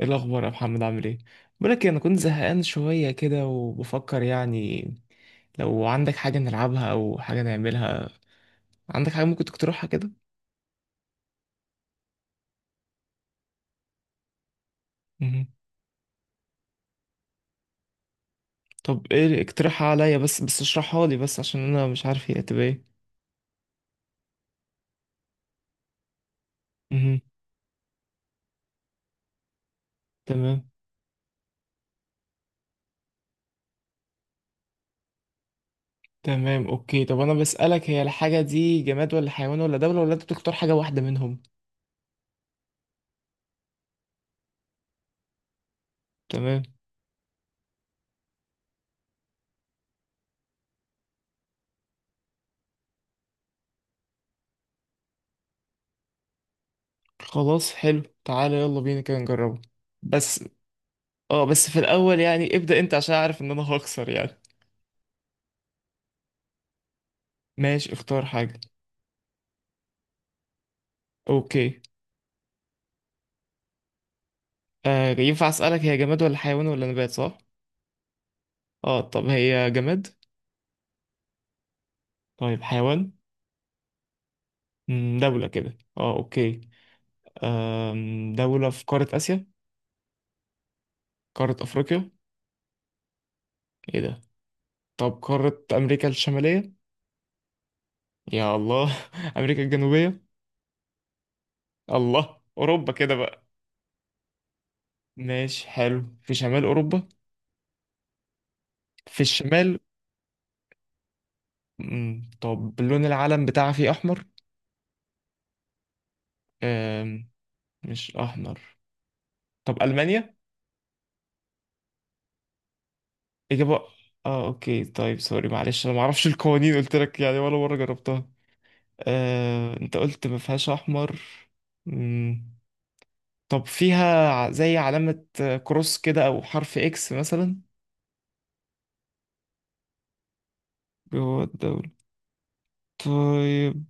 ايه الاخبار يا محمد؟ عامل ايه؟ بقولك إيه، انا كنت زهقان شويه كده وبفكر يعني. لو عندك حاجه نلعبها او حاجه نعملها. عندك حاجه ممكن تقترحها كده؟ مهم. طب ايه، اقترحها عليا بس بس اشرحها لي بس عشان انا مش عارف هي هتبقى ايه. مهم. تمام. تمام اوكي، طب انا بسالك، هي الحاجه دي جماد ولا حيوان ولا دوله، ولا انت بتختار حاجه واحده منهم؟ تمام. خلاص حلو، تعالى يلا بينا كده نجربه. بس. اه بس في الاول يعني ابدا انت عشان اعرف ان انا هخسر يعني. ماشي اختار حاجة. اوكي. آه، ينفع اسألك هي جماد ولا حيوان ولا نبات صح؟ اه طب هي جماد؟ طيب حيوان؟ دولة كده، اه اوكي. دولة في قارة آسيا؟ قارة أفريقيا؟ ايه ده. طب قارة أمريكا الشمالية؟ يا الله أمريكا الجنوبية؟ الله، أوروبا كده بقى. ماشي حلو، في شمال أوروبا؟ في الشمال. طب لون العلم بتاعها فيه أحمر؟ آم، مش أحمر. طب ألمانيا؟ إجابة. اه اوكي طيب، سوري معلش انا ما اعرفش القوانين، قلت لك يعني، ولا مرة جربتها. انت قلت ما فيهاش احمر. مم. طب فيها زي علامة، كروس كده، او حرف اكس مثلا؟ جوه الدولة. طيب.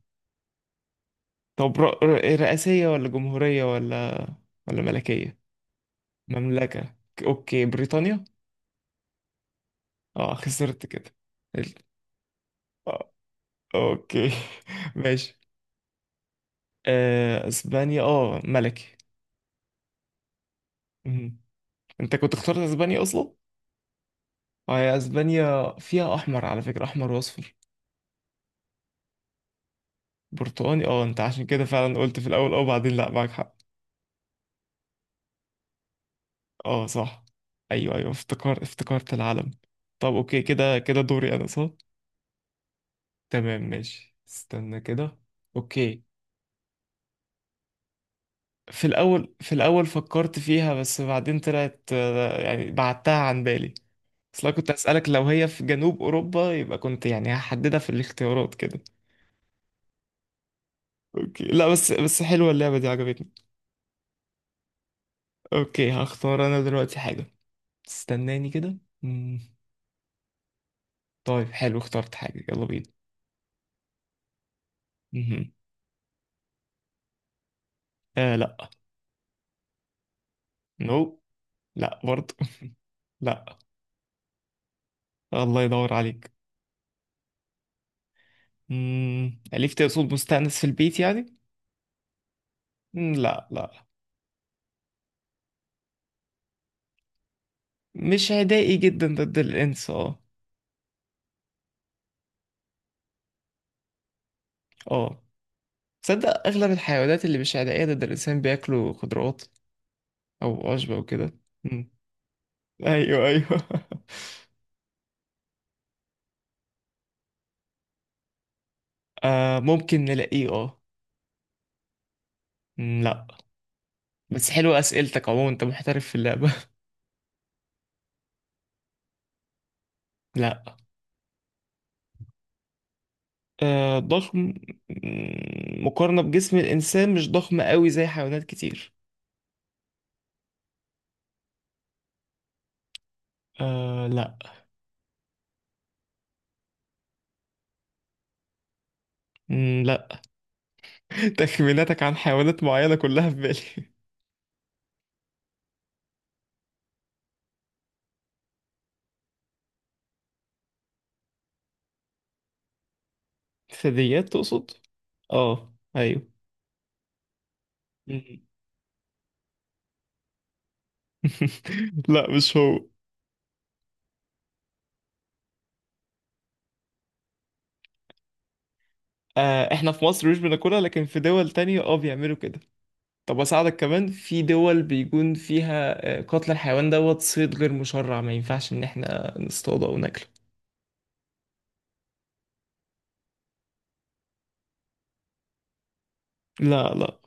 طب رئاسية ولا جمهورية، ولا ولا ملكية؟ مملكة. اوكي بريطانيا؟ اه خسرت كده. ال- آه، اوكي. ماشي. اسبانيا اه ملكي. مم. انت كنت اخترت اسبانيا اصلا. اه، هي اسبانيا فيها احمر على فكرة، احمر واصفر. برتقاني، اه، انت عشان كده فعلا قلت في الاول اه، وبعدين لا، معاك حق. اه صح. ايوه ايوه، افتكرت العلم. طب اوكي، كده كده دوري انا صح. تمام ماشي، استنى كده. اوكي. في الاول فكرت فيها، بس بعدين طلعت، يعني بعدتها عن بالي. اصل أنا كنت اسالك لو هي في جنوب اوروبا يبقى كنت يعني هحددها في الاختيارات كده. اوكي لا، بس بس حلوه اللعبه دي، عجبتني. اوكي هختار انا دلوقتي حاجة. استناني كده. مم. طيب حلو، اخترت حاجة، يلا بينا. مهم. آه لا. نو. لا برضه لا. الله يدور عليك. أليف تقصد مستأنس في البيت يعني؟ لا لا. مش عدائي جدا ضد الإنس اه. اه. تصدق أغلب الحيوانات اللي مش عدائية ضد الإنسان بياكلوا خضروات. أو عشبة وكده. مم. أيوه أيوه آه ممكن نلاقيه اه. لا. بس حلوة أسئلتك عموما، أنت محترف في اللعبة. لا. آه، ضخم. مقارنة بجسم الإنسان مش ضخم قوي زي حيوانات كتير. آه لا. لا. تخميناتك عن حيوانات معينة كلها في بالي. ثدييات تقصد؟ اه ايوه. مم. لا مش هو. آه، احنا في مصر مش بناكلها، لكن في دول تانية اه بيعملوا كده. طب اساعدك كمان، في دول بيكون فيها قتل الحيوان دوت صيد غير مشرع، ما ينفعش ان احنا نصطاده او ناكله. لا لا.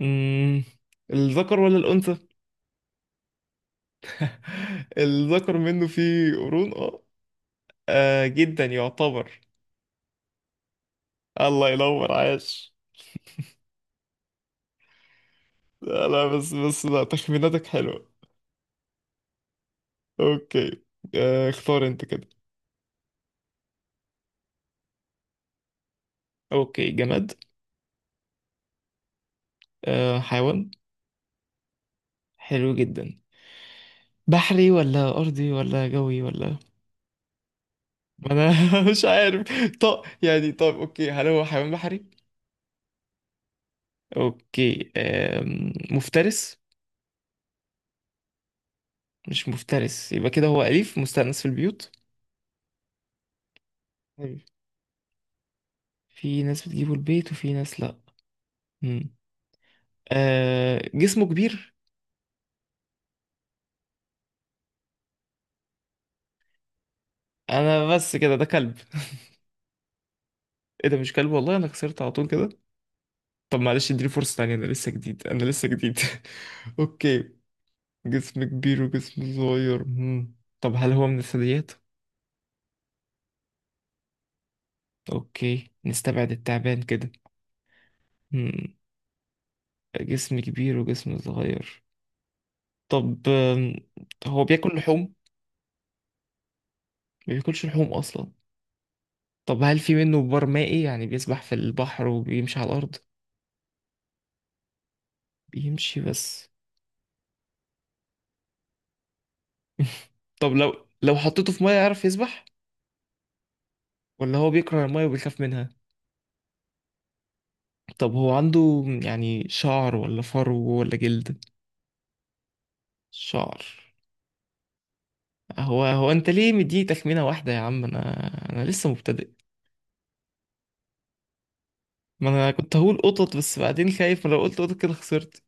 مم. الذكر ولا الأنثى؟ الذكر منه فيه قرون اه. آه، جدا يعتبر. الله ينور عاش. لا لا، بس بس لا، تخميناتك حلوة. اوكي. اختار انت كده. اوكي جماد؟ حيوان. حلو جدا. بحري ولا ارضي ولا جوي ولا؟ ما انا. مش عارف. طب يعني طب اوكي، هل هو حيوان بحري؟ اوكي مفترس؟ مش مفترس، يبقى كده هو اليف مستأنس في البيوت. أيوة. في ناس بتجيبه البيت وفي ناس لا. آه جسمه كبير. انا بس كده ده كلب ايه ده مش كلب؟ والله انا خسرت على طول كده. طب معلش اديني فرصة تانية، انا لسه جديد انا لسه جديد. اوكي. جسم كبير وجسم صغير. مم. طب هل هو من الثدييات؟ اوكي نستبعد التعبان كده. مم. جسم كبير وجسم صغير. طب هو بياكل لحوم؟ ما بياكلش لحوم اصلا. طب هل في منه بار مائي، يعني بيسبح في البحر وبيمشي على الارض؟ بيمشي بس. طب لو حطيته في ميه يعرف يسبح؟ ولا هو بيكره الميه وبيخاف منها؟ طب هو عنده يعني شعر ولا فرو ولا جلد؟ شعر. هو انت ليه مديني تخمينه واحده يا عم، انا انا لسه مبتدئ. ما انا كنت هقول قطط، بس بعدين خايف، ما لو قلت قطط كده خسرت.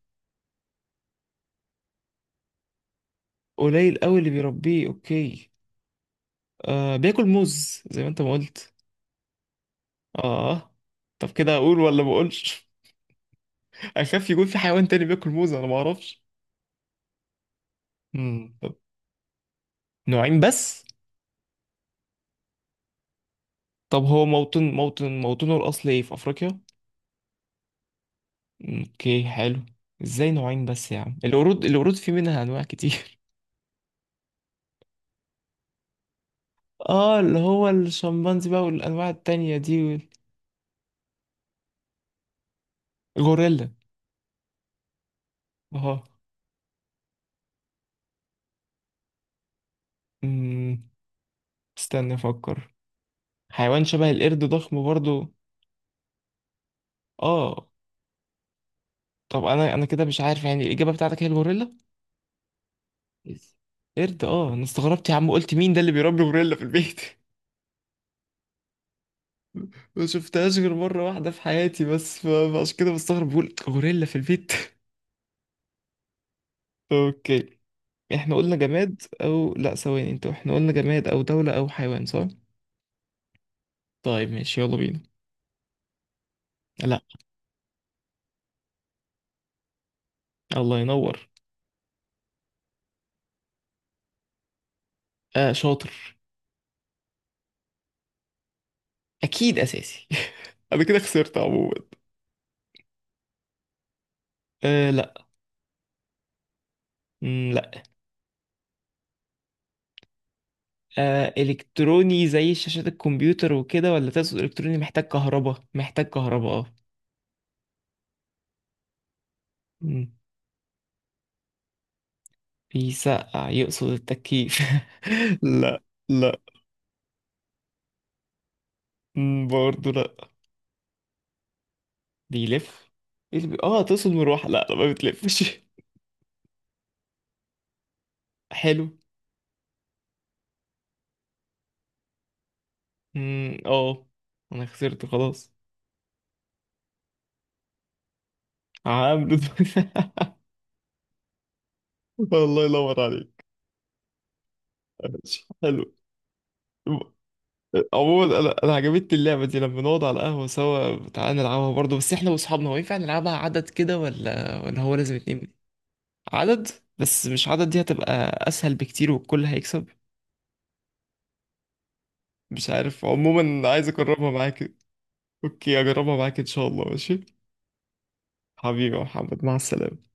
قليل قوي اللي بيربيه، اوكي. آه بياكل موز زي ما انت ما قلت. اه. طب كده اقول ولا ما اقولش؟ اخاف يكون في حيوان تاني بياكل موز، انا ما اعرفش. طب. نوعين بس؟ طب هو موطنه الأصلي ايه، في أفريقيا؟ اوكي حلو. ازاي نوعين بس يا عم، القرود القرود في منها أنواع كتير. اه، اللي هو الشمبانزي بقى والأنواع التانية دي. الغوريلا. اه. أمم، استنى أفكر. حيوان شبه القرد، ضخم برضو. اه. طب أنا كده مش عارف يعني، الإجابة بتاعتك هي الغوريلا؟ بس. قرد اه، أنا استغربت يا عم، قلت مين ده اللي بيربي غوريلا في البيت؟ ما شفتهاش غير مرة واحدة في حياتي، بس فعشان كده بستغرب، بقول غوريلا في البيت اوكي. احنا قلنا جماد، او لا ثواني انت، احنا قلنا جماد او دولة او حيوان صح؟ طيب ماشي يلا بينا. لا. الله ينور. آه شاطر. اكيد اساسي. انا كده خسرت عموما. آه لا. لا. آه الكتروني، زي شاشات الكمبيوتر وكده، ولا تقصد الكتروني محتاج كهرباء؟ محتاج كهرباء اه. مم، بيسقع يقصد التكييف. لا. لا. برضه لا. بيلف. إيه اللي تقصد مروحة؟ لا لا ما بتلفش حلو. اه. انا خسرت خلاص. هعمل. الله ينور عليك. ماشي، حلو. عموما انا عجبتني اللعبه دي، لما نقعد على القهوه سوا تعالى نلعبها برضه، بس احنا واصحابنا، هو ينفع نلعبها عدد كده، ولا هو لازم اتنين؟ عدد. بس مش عدد، دي هتبقى اسهل بكتير والكل هيكسب. مش عارف عموما، عايز اجربها معاك. اوكي اجربها معاك ان شاء الله، ماشي. حبيبي يا محمد مع السلامه.